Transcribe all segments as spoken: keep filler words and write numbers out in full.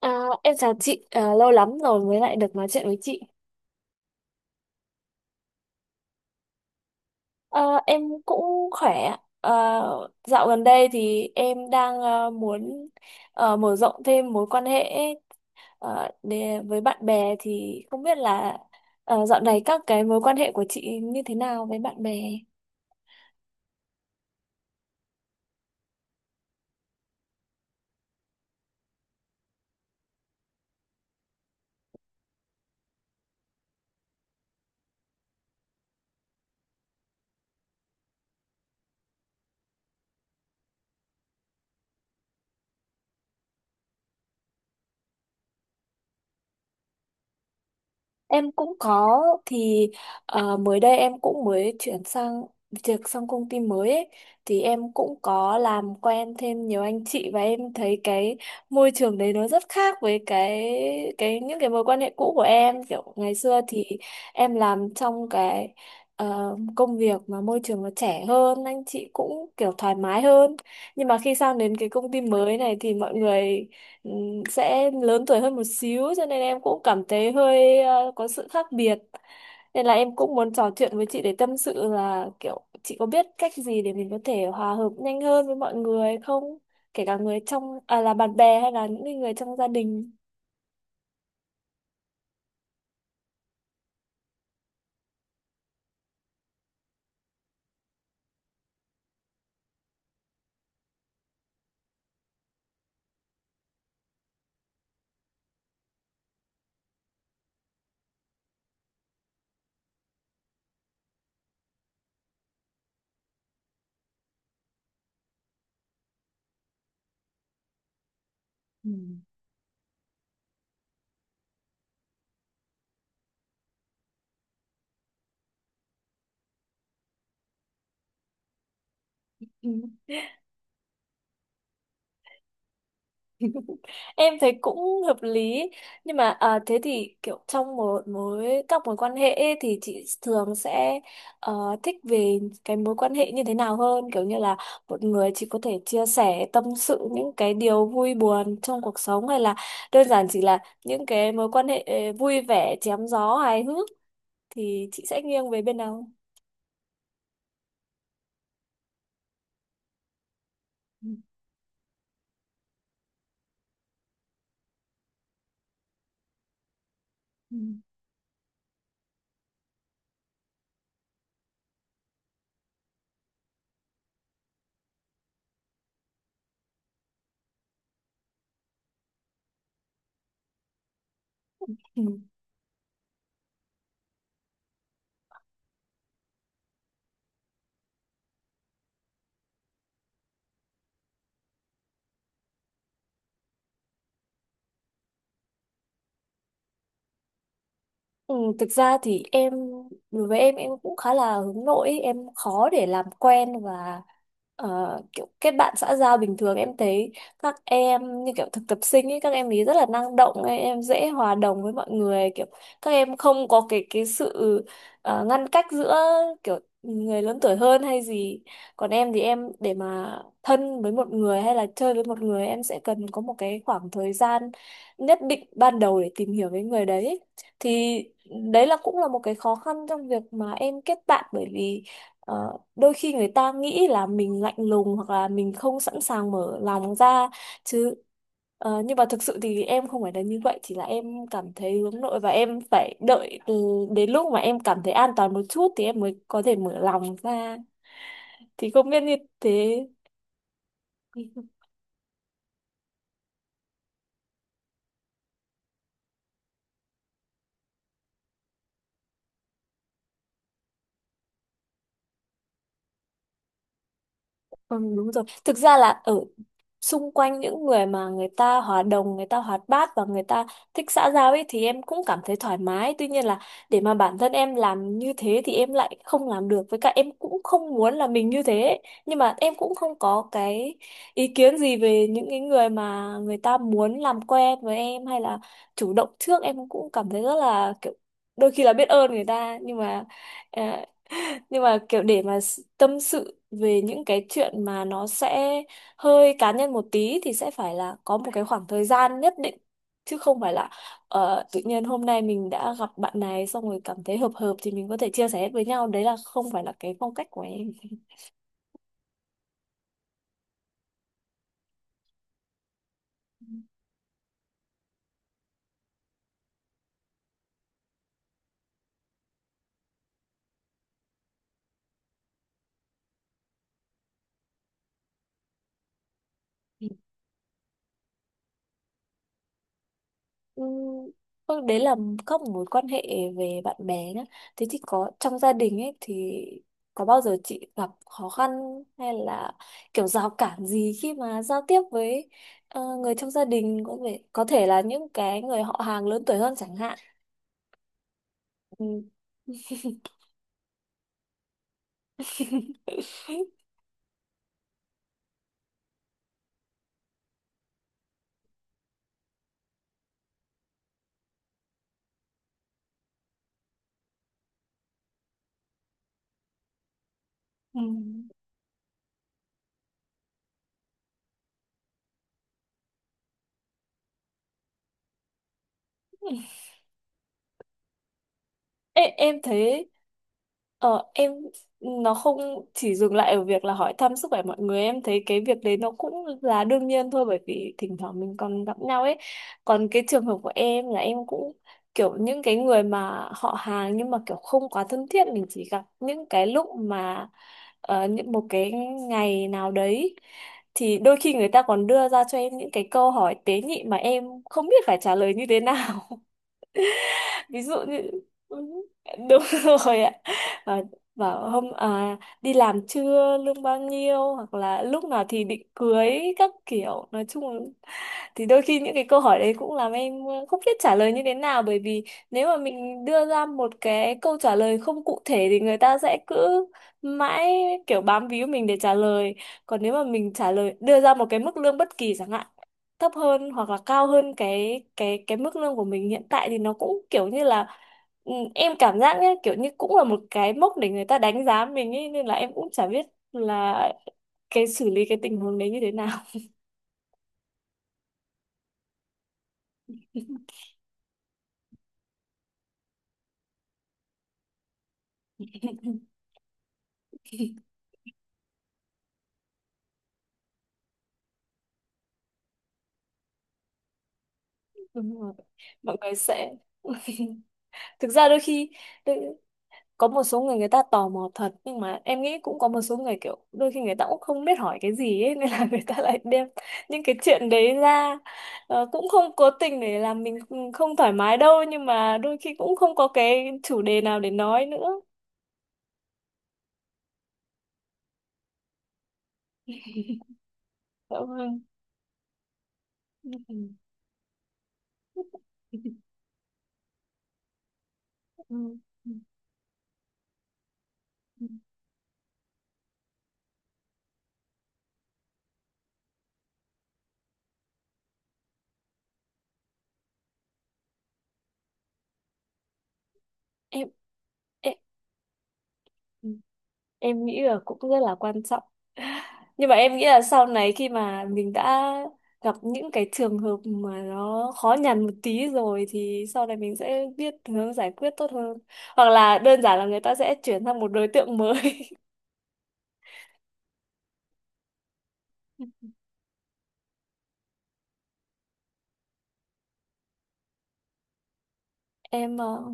À, em chào chị, à, lâu lắm rồi mới lại được nói chuyện với chị. À, em cũng khỏe. À, dạo gần đây thì em đang à, muốn à, mở rộng thêm mối quan hệ, à, để, với bạn bè, thì không biết là, à, dạo này các cái mối quan hệ của chị như thế nào với bạn bè? Em cũng có thì ờ, mới đây em cũng mới chuyển sang việc, sang công ty mới ấy, thì em cũng có làm quen thêm nhiều anh chị, và em thấy cái môi trường đấy nó rất khác với cái cái những cái mối quan hệ cũ của em. Kiểu ngày xưa thì em làm trong cái ờ, công việc mà môi trường nó trẻ hơn, anh chị cũng kiểu thoải mái hơn. Nhưng mà khi sang đến cái công ty mới này thì mọi người ừ, sẽ lớn tuổi hơn một xíu, cho nên em cũng cảm thấy hơi ờ, có sự khác biệt. Nên là em cũng muốn trò chuyện với chị để tâm sự, là kiểu chị có biết cách gì để mình có thể hòa hợp nhanh hơn với mọi người không, kể cả người trong, à, là bạn bè hay là những cái người trong gia đình. Ừ. Ừ. Em thấy cũng hợp lý, nhưng mà à, thế thì kiểu trong một mối các mối quan hệ ấy, thì chị thường sẽ ờ, thích về cái mối quan hệ như thế nào hơn, kiểu như là một người chị có thể chia sẻ tâm sự những cái điều vui buồn trong cuộc sống, hay là đơn giản chỉ là những cái mối quan hệ ờ, vui vẻ, chém gió, hài hước, thì chị sẽ nghiêng về bên nào? Ừ. Ừ. Ừ, thực ra thì em, đối với em em cũng khá là hướng nội ấy. Em khó để làm quen và ờ, kiểu kết bạn xã giao bình thường. Em thấy các em như kiểu thực tập sinh ấy, các em ấy rất là năng động ấy, em dễ hòa đồng với mọi người. Kiểu các em không có cái cái sự ờ, ngăn cách giữa kiểu người lớn tuổi hơn hay gì. Còn em thì em, để mà thân với một người hay là chơi với một người, em sẽ cần có một cái khoảng thời gian nhất định ban đầu để tìm hiểu với người đấy. Thì đấy là cũng là một cái khó khăn trong việc mà em kết bạn, bởi vì ờ, đôi khi người ta nghĩ là mình lạnh lùng, hoặc là mình không sẵn sàng mở lòng ra chứ. Ờ, nhưng mà thực sự thì em không phải là như vậy, chỉ là em cảm thấy hướng nội và em phải đợi, từ đến lúc mà em cảm thấy an toàn một chút thì em mới có thể mở lòng ra. Thì không biết như thế. Ừ, đúng rồi. Thực ra là ở xung quanh những người mà người ta hòa đồng, người ta hoạt bát và người ta thích xã giao ấy, thì em cũng cảm thấy thoải mái. Tuy nhiên là để mà bản thân em làm như thế thì em lại không làm được. Với cả em cũng không muốn là mình như thế ấy. Nhưng mà em cũng không có cái ý kiến gì về những cái người mà người ta muốn làm quen với em, hay là chủ động trước. Em cũng cảm thấy rất là kiểu đôi khi là biết ơn người ta, nhưng mà ờ, nhưng mà kiểu để mà s- tâm sự về những cái chuyện mà nó sẽ hơi cá nhân một tí thì sẽ phải là có một cái khoảng thời gian nhất định, chứ không phải là ờ, tự nhiên hôm nay mình đã gặp bạn này, xong rồi cảm thấy hợp hợp thì mình có thể chia sẻ hết với nhau. Đấy là không phải là cái phong cách của em. Ừ, thôi đấy là các mối quan hệ về bạn bè nhá. Thế thì có trong gia đình ấy, thì có bao giờ chị gặp khó khăn hay là kiểu rào cản gì khi mà giao tiếp với ờ, người trong gia đình, có thể có thể là những cái người họ hàng lớn tuổi hơn chẳng hạn. Ừ. Ừ. Ê, em thấy ờ, em nó không chỉ dừng lại ở việc là hỏi thăm sức khỏe mọi người. Em thấy cái việc đấy nó cũng là đương nhiên thôi, bởi vì thỉnh thoảng mình còn gặp nhau ấy. Còn cái trường hợp của em là em cũng kiểu những cái người mà họ hàng nhưng mà kiểu không quá thân thiết, mình chỉ gặp những cái lúc mà ờ, những một cái ngày nào đấy, thì đôi khi người ta còn đưa ra cho em những cái câu hỏi tế nhị mà em không biết phải trả lời như thế nào. Ví dụ như, ừ, đúng rồi ạ, và bảo hôm à, đi làm chưa, lương bao nhiêu, hoặc là lúc nào thì định cưới, các kiểu nói chung là, thì đôi khi những cái câu hỏi đấy cũng làm em không biết trả lời như thế nào. Bởi vì nếu mà mình đưa ra một cái câu trả lời không cụ thể thì người ta sẽ cứ mãi kiểu bám víu mình để trả lời. Còn nếu mà mình trả lời, đưa ra một cái mức lương bất kỳ chẳng hạn, thấp hơn hoặc là cao hơn cái cái cái mức lương của mình hiện tại, thì nó cũng kiểu như là, ừ, em cảm giác nhé, kiểu như cũng là một cái mốc để người ta đánh giá mình ấy, nên là em cũng chả biết là cái xử lý cái tình huống đấy như thế nào. Đúng rồi, mọi người sẽ, thực ra đôi khi có một số người người ta tò mò thật, nhưng mà em nghĩ cũng có một số người kiểu đôi khi người ta cũng không biết hỏi cái gì ấy, nên là người ta lại đem những cái chuyện đấy ra. Ờ, cũng không cố tình để làm mình không thoải mái đâu, nhưng mà đôi khi cũng không có cái chủ đề nào để nói nữa. Dạ vâng. Ừ. Ừ. Ừ. Em em Ừ. Em nghĩ là cũng rất là quan trọng. Nhưng mà em nghĩ là sau này khi mà mình đã gặp những cái trường hợp mà nó khó nhằn một tí rồi, thì sau này mình sẽ biết hướng giải quyết tốt hơn, hoặc là đơn giản là người ta sẽ chuyển sang một đối tượng mới. em ờ,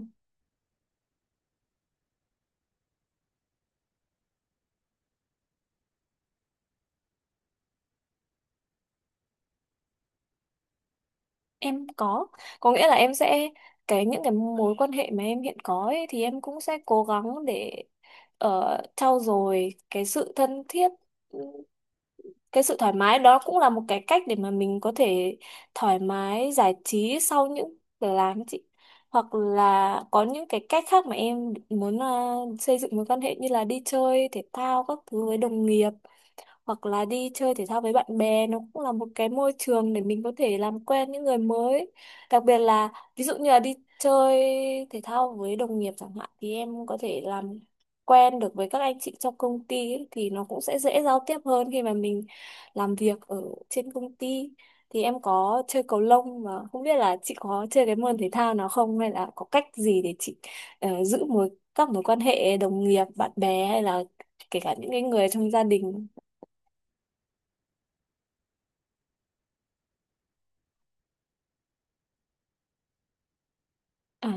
Em có, có nghĩa là em sẽ, cái những cái mối quan hệ mà em hiện có ấy, thì em cũng sẽ cố gắng để ờ, trau dồi cái sự thân thiết, ừ, cái sự thoải mái. Đó cũng là một cái cách để mà mình có thể thoải mái giải trí sau những giờ làm ấy chị. Hoặc là có những cái cách khác mà em muốn ờ, xây dựng mối quan hệ, như là đi chơi thể thao các thứ với đồng nghiệp, hoặc là đi chơi thể thao với bạn bè. Nó cũng là một cái môi trường để mình có thể làm quen những người mới, đặc biệt là ví dụ như là đi chơi thể thao với đồng nghiệp chẳng hạn, thì em có thể làm quen được với các anh chị trong công ty ấy, thì nó cũng sẽ dễ giao tiếp hơn khi mà mình làm việc ở trên công ty. Thì em có chơi cầu lông, mà không biết là chị có chơi cái môn thể thao nào không, hay là có cách gì để chị ờ, giữ mối các mối quan hệ đồng nghiệp, bạn bè, hay là kể cả những cái người trong gia đình. À,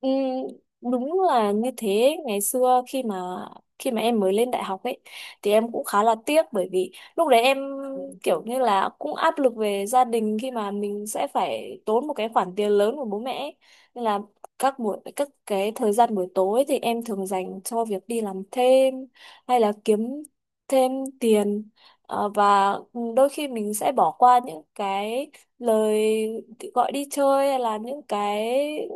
ừ, đúng là như thế. Ngày xưa khi mà khi mà em mới lên đại học ấy, thì em cũng khá là tiếc, bởi vì lúc đấy em kiểu như là cũng áp lực về gia đình, khi mà mình sẽ phải tốn một cái khoản tiền lớn của bố mẹ ấy. Nên là các buổi các cái thời gian buổi tối thì em thường dành cho việc đi làm thêm, hay là kiếm thêm tiền. Ờ, và đôi khi mình sẽ bỏ qua những cái lời gọi đi chơi, hay là những cái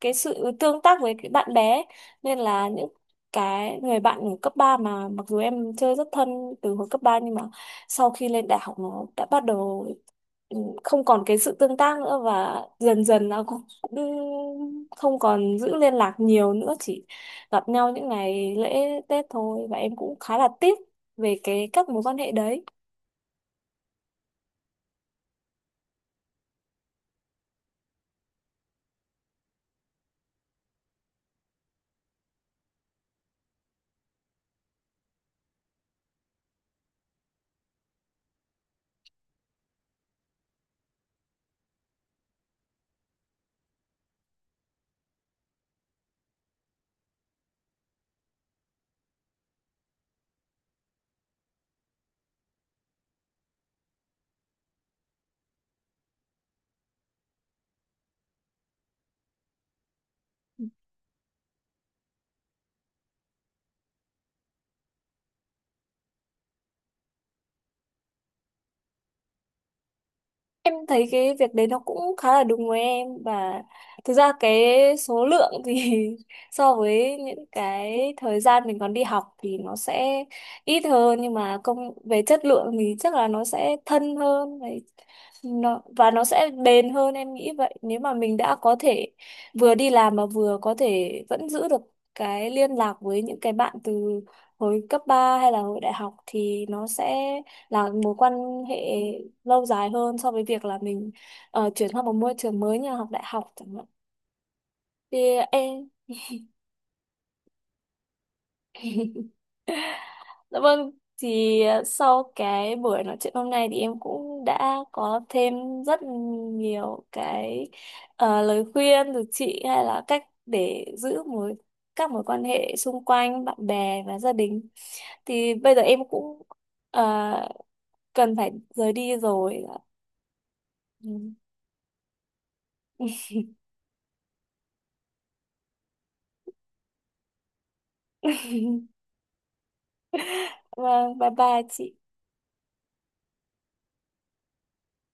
cái sự tương tác với cái bạn bé. Nên là những cái người bạn ở cấp ba mà mặc dù em chơi rất thân từ hồi cấp ba, nhưng mà sau khi lên đại học nó đã bắt đầu, ừ, không còn cái sự tương tác nữa, và dần dần nó cũng cũng không còn giữ liên lạc nhiều nữa, chỉ gặp nhau những ngày lễ Tết thôi, và em cũng khá là tiếc về cái các mối quan hệ đấy. Em thấy cái việc đấy nó cũng khá là đúng với em. Và thực ra cái số lượng thì so với những cái thời gian mình còn đi học thì nó sẽ ít hơn, nhưng mà công về chất lượng thì chắc là nó sẽ thân hơn nó, và nó sẽ bền hơn, em nghĩ vậy. Nếu mà mình đã có thể vừa đi làm mà vừa có thể vẫn giữ được cái liên lạc với những cái bạn từ hồi cấp ba hay là hồi đại học, thì nó sẽ là mối quan hệ lâu dài hơn so với việc là mình ờ, chuyển sang một môi trường mới như là học đại học chẳng hạn. Thì em. Dạ vâng, thì ờ, sau cái buổi nói chuyện hôm nay thì em cũng đã có thêm rất nhiều cái ờ, lời khuyên từ chị, hay là cách để giữ mối các mối quan hệ xung quanh bạn bè và gia đình. Thì bây giờ em cũng ờ, cần phải rời đi rồi. Ừ. Vâng, bye bye chị.